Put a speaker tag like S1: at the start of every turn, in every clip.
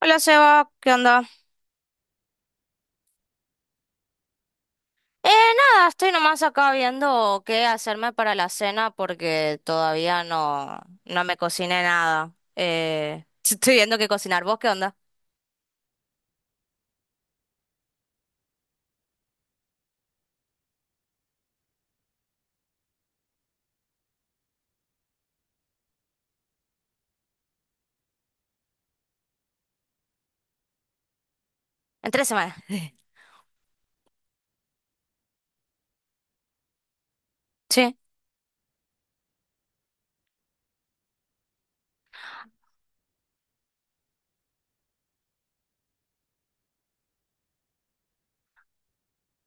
S1: Hola Seba, ¿qué onda? Eh, Nada, estoy nomás acá viendo qué hacerme para la cena porque todavía no me cociné nada. Estoy viendo qué cocinar. ¿Vos qué onda? En tres semanas. Sí.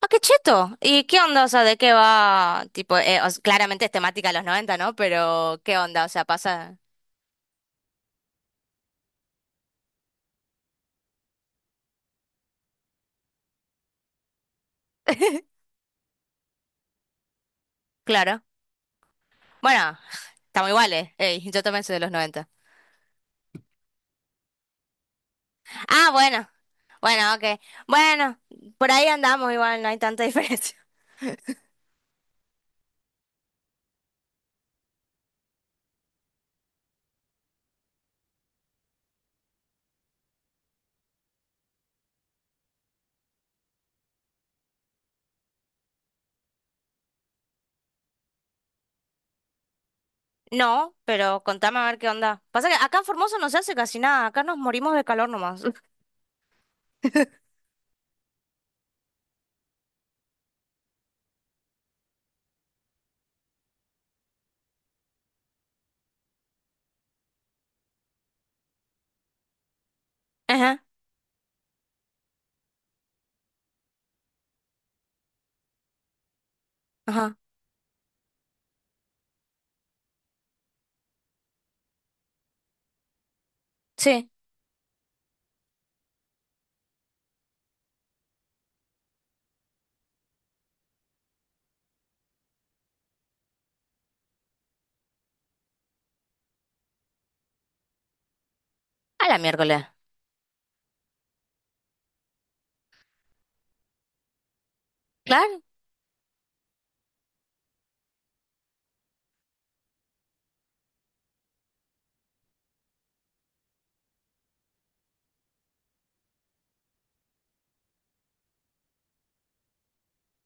S1: Ah, qué cheto. ¿Y qué onda? O sea, ¿de qué va? Tipo, claramente es temática de los 90, ¿no? Pero, ¿qué onda? O sea. Claro. Bueno, estamos iguales. Ey, yo también soy de los 90. Ah, bueno. Bueno, ok. Bueno, por ahí andamos igual, no hay tanta diferencia. No, pero contame a ver qué onda. Pasa que acá en Formosa no se hace casi nada, acá nos morimos de calor nomás. Ajá, ajá, sí. A la miércoles. Claro.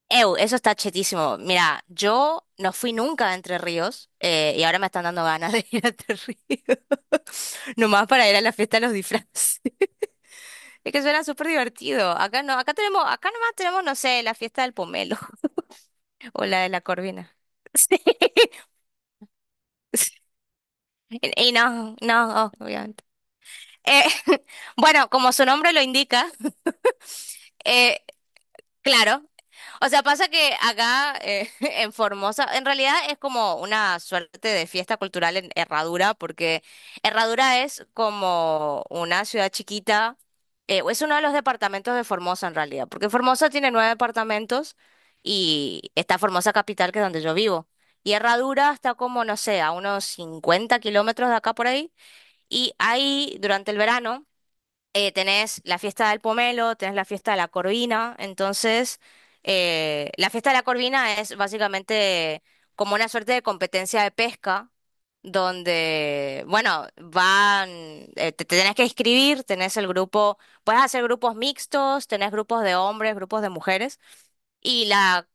S1: Ew, eso está chetísimo. Mira, yo no fui nunca a Entre Ríos, y ahora me están dando ganas de ir a Entre Ríos. Nomás para ir a la fiesta de los disfraces. Es que suena súper divertido. Acá no, acá tenemos, acá nomás tenemos, no sé, la fiesta del pomelo o la de la corvina. Sí. Y no, no, obviamente. Eh, bueno, como su nombre lo indica, eh, claro. O sea, pasa que acá, en Formosa, en realidad es como una suerte de fiesta cultural en Herradura, porque Herradura es como una ciudad chiquita, o es uno de los departamentos de Formosa en realidad, porque Formosa tiene nueve departamentos y está Formosa Capital, que es donde yo vivo. Y Herradura está como, no sé, a unos 50 kilómetros de acá por ahí. Y ahí, durante el verano, tenés la fiesta del pomelo, tenés la fiesta de la corvina. Entonces, la fiesta de la corvina es básicamente como una suerte de competencia de pesca, donde, bueno, van, te tenés que inscribir, tenés el grupo, puedes hacer grupos mixtos, tenés grupos de hombres, grupos de mujeres. Y la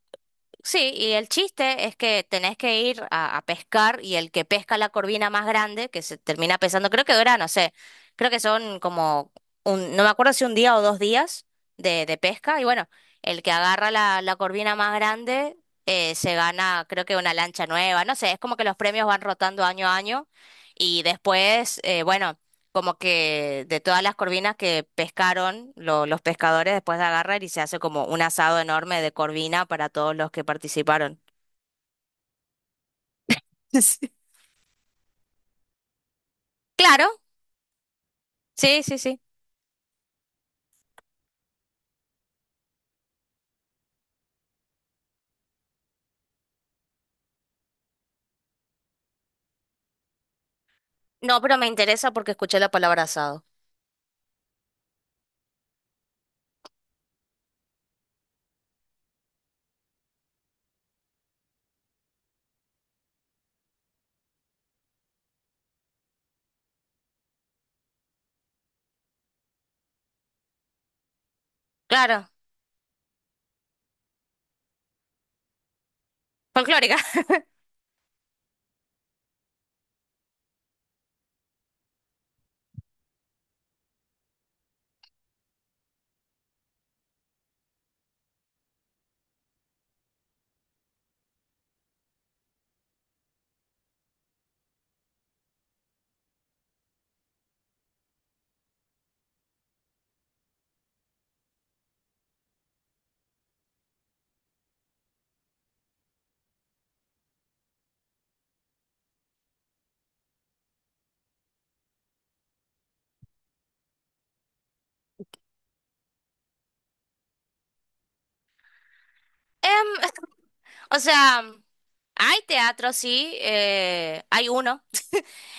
S1: sí, y el chiste es que tenés que a pescar y el que pesca la corvina más grande, que se termina pesando, creo que dura, no sé, creo que son como un, no me acuerdo si un día o dos días de pesca, y bueno, el que agarra la corvina más grande, se gana, creo que una lancha nueva, no sé, es como que los premios van rotando año a año y después, bueno, como que de todas las corvinas que pescaron los pescadores después de agarrar y se hace como un asado enorme de corvina para todos los que participaron. Sí. Claro, sí, sí, sí. No, pero me interesa porque escuché la palabra asado. Claro, folclórica. Em, o sea, hay teatro, sí, hay uno.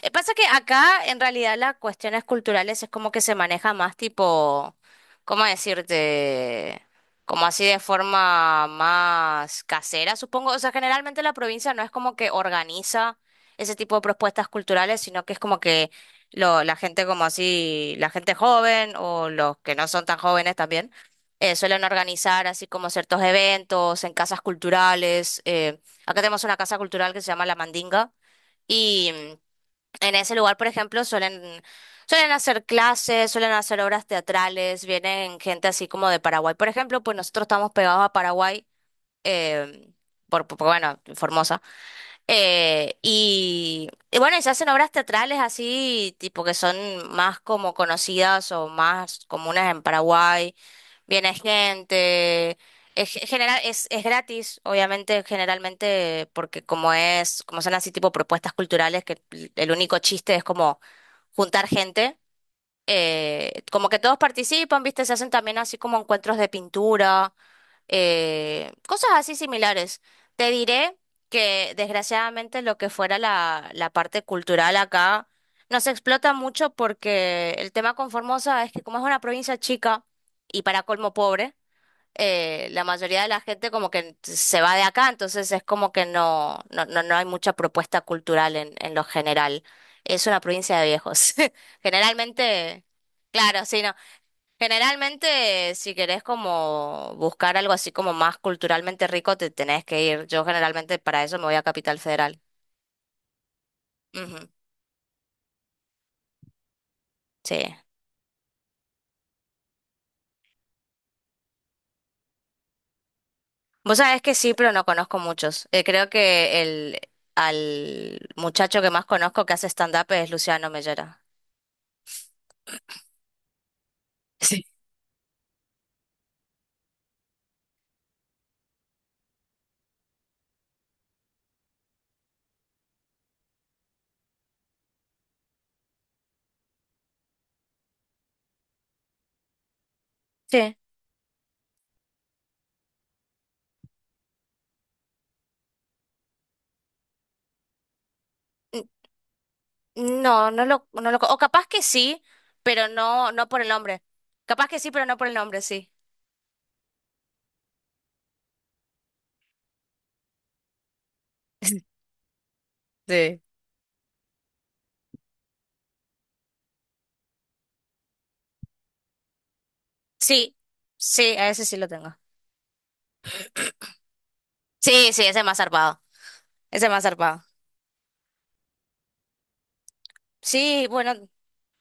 S1: Pasa que acá en realidad las cuestiones culturales es como que se maneja más tipo, ¿cómo decirte? Como así de forma más casera, supongo. O sea, generalmente la provincia no es como que organiza ese tipo de propuestas culturales, sino que es como que lo, la gente como así, la gente joven o los que no son tan jóvenes también, suelen organizar así como ciertos eventos en casas culturales. Acá tenemos una casa cultural que se llama La Mandinga y... mm, en ese lugar, por ejemplo, suelen hacer clases, suelen hacer obras teatrales, vienen gente así como de Paraguay. Por ejemplo, pues nosotros estamos pegados a Paraguay, eh, bueno, Formosa. Y bueno, y se hacen obras teatrales así, tipo que son más como conocidas o más comunes en Paraguay. Viene gente, general, es gratis, obviamente, generalmente, porque como es, como son así tipo propuestas culturales, que el único chiste es como juntar gente. Como que todos participan, ¿viste? Se hacen también así como encuentros de pintura, cosas así similares. Te diré que desgraciadamente lo que fuera la parte cultural acá no se explota mucho porque el tema con Formosa es que como es una provincia chica y para colmo pobre, la mayoría de la gente como que se va de acá, entonces es como que no hay mucha propuesta cultural en lo general. Es una provincia de viejos. Generalmente, claro, sí, no. Generalmente, si querés como buscar algo así como más culturalmente rico, te tenés que ir. Yo generalmente para eso me voy a Capital Federal. Ujú, sí. Vos sabés que sí, pero no conozco muchos. Creo que el al muchacho que más conozco que hace stand-up es Luciano Mellera. Sí. Sí. N- No, o capaz que sí, pero no, no por el nombre. Capaz que sí, pero no por el nombre, sí. Sí. Sí, sí, a ese sí lo tengo. Sí, sí, ese es más zarpado. Ese es más zarpado. Sí, bueno,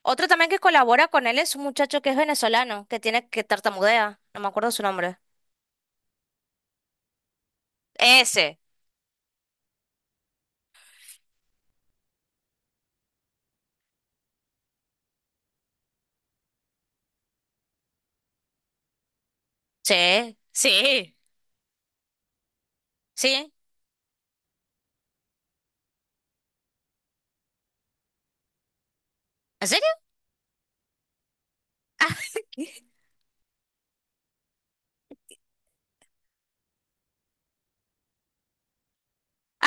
S1: otro también que colabora con él es un muchacho que es venezolano, que tartamudea, no me acuerdo su nombre. Ese. Sí, sí, sí. ¿En serio?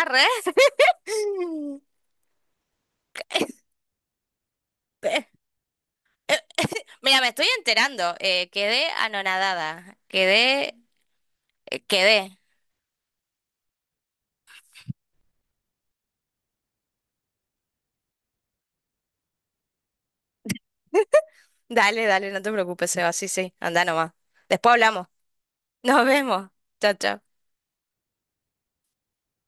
S1: Arre. Pe- Mira, me estoy enterando. Quedé anonadada. Quedé. Dale, dale, no te preocupes, Seba. Sí, sí, anda nomás. Después hablamos. Nos vemos. Chao, chao.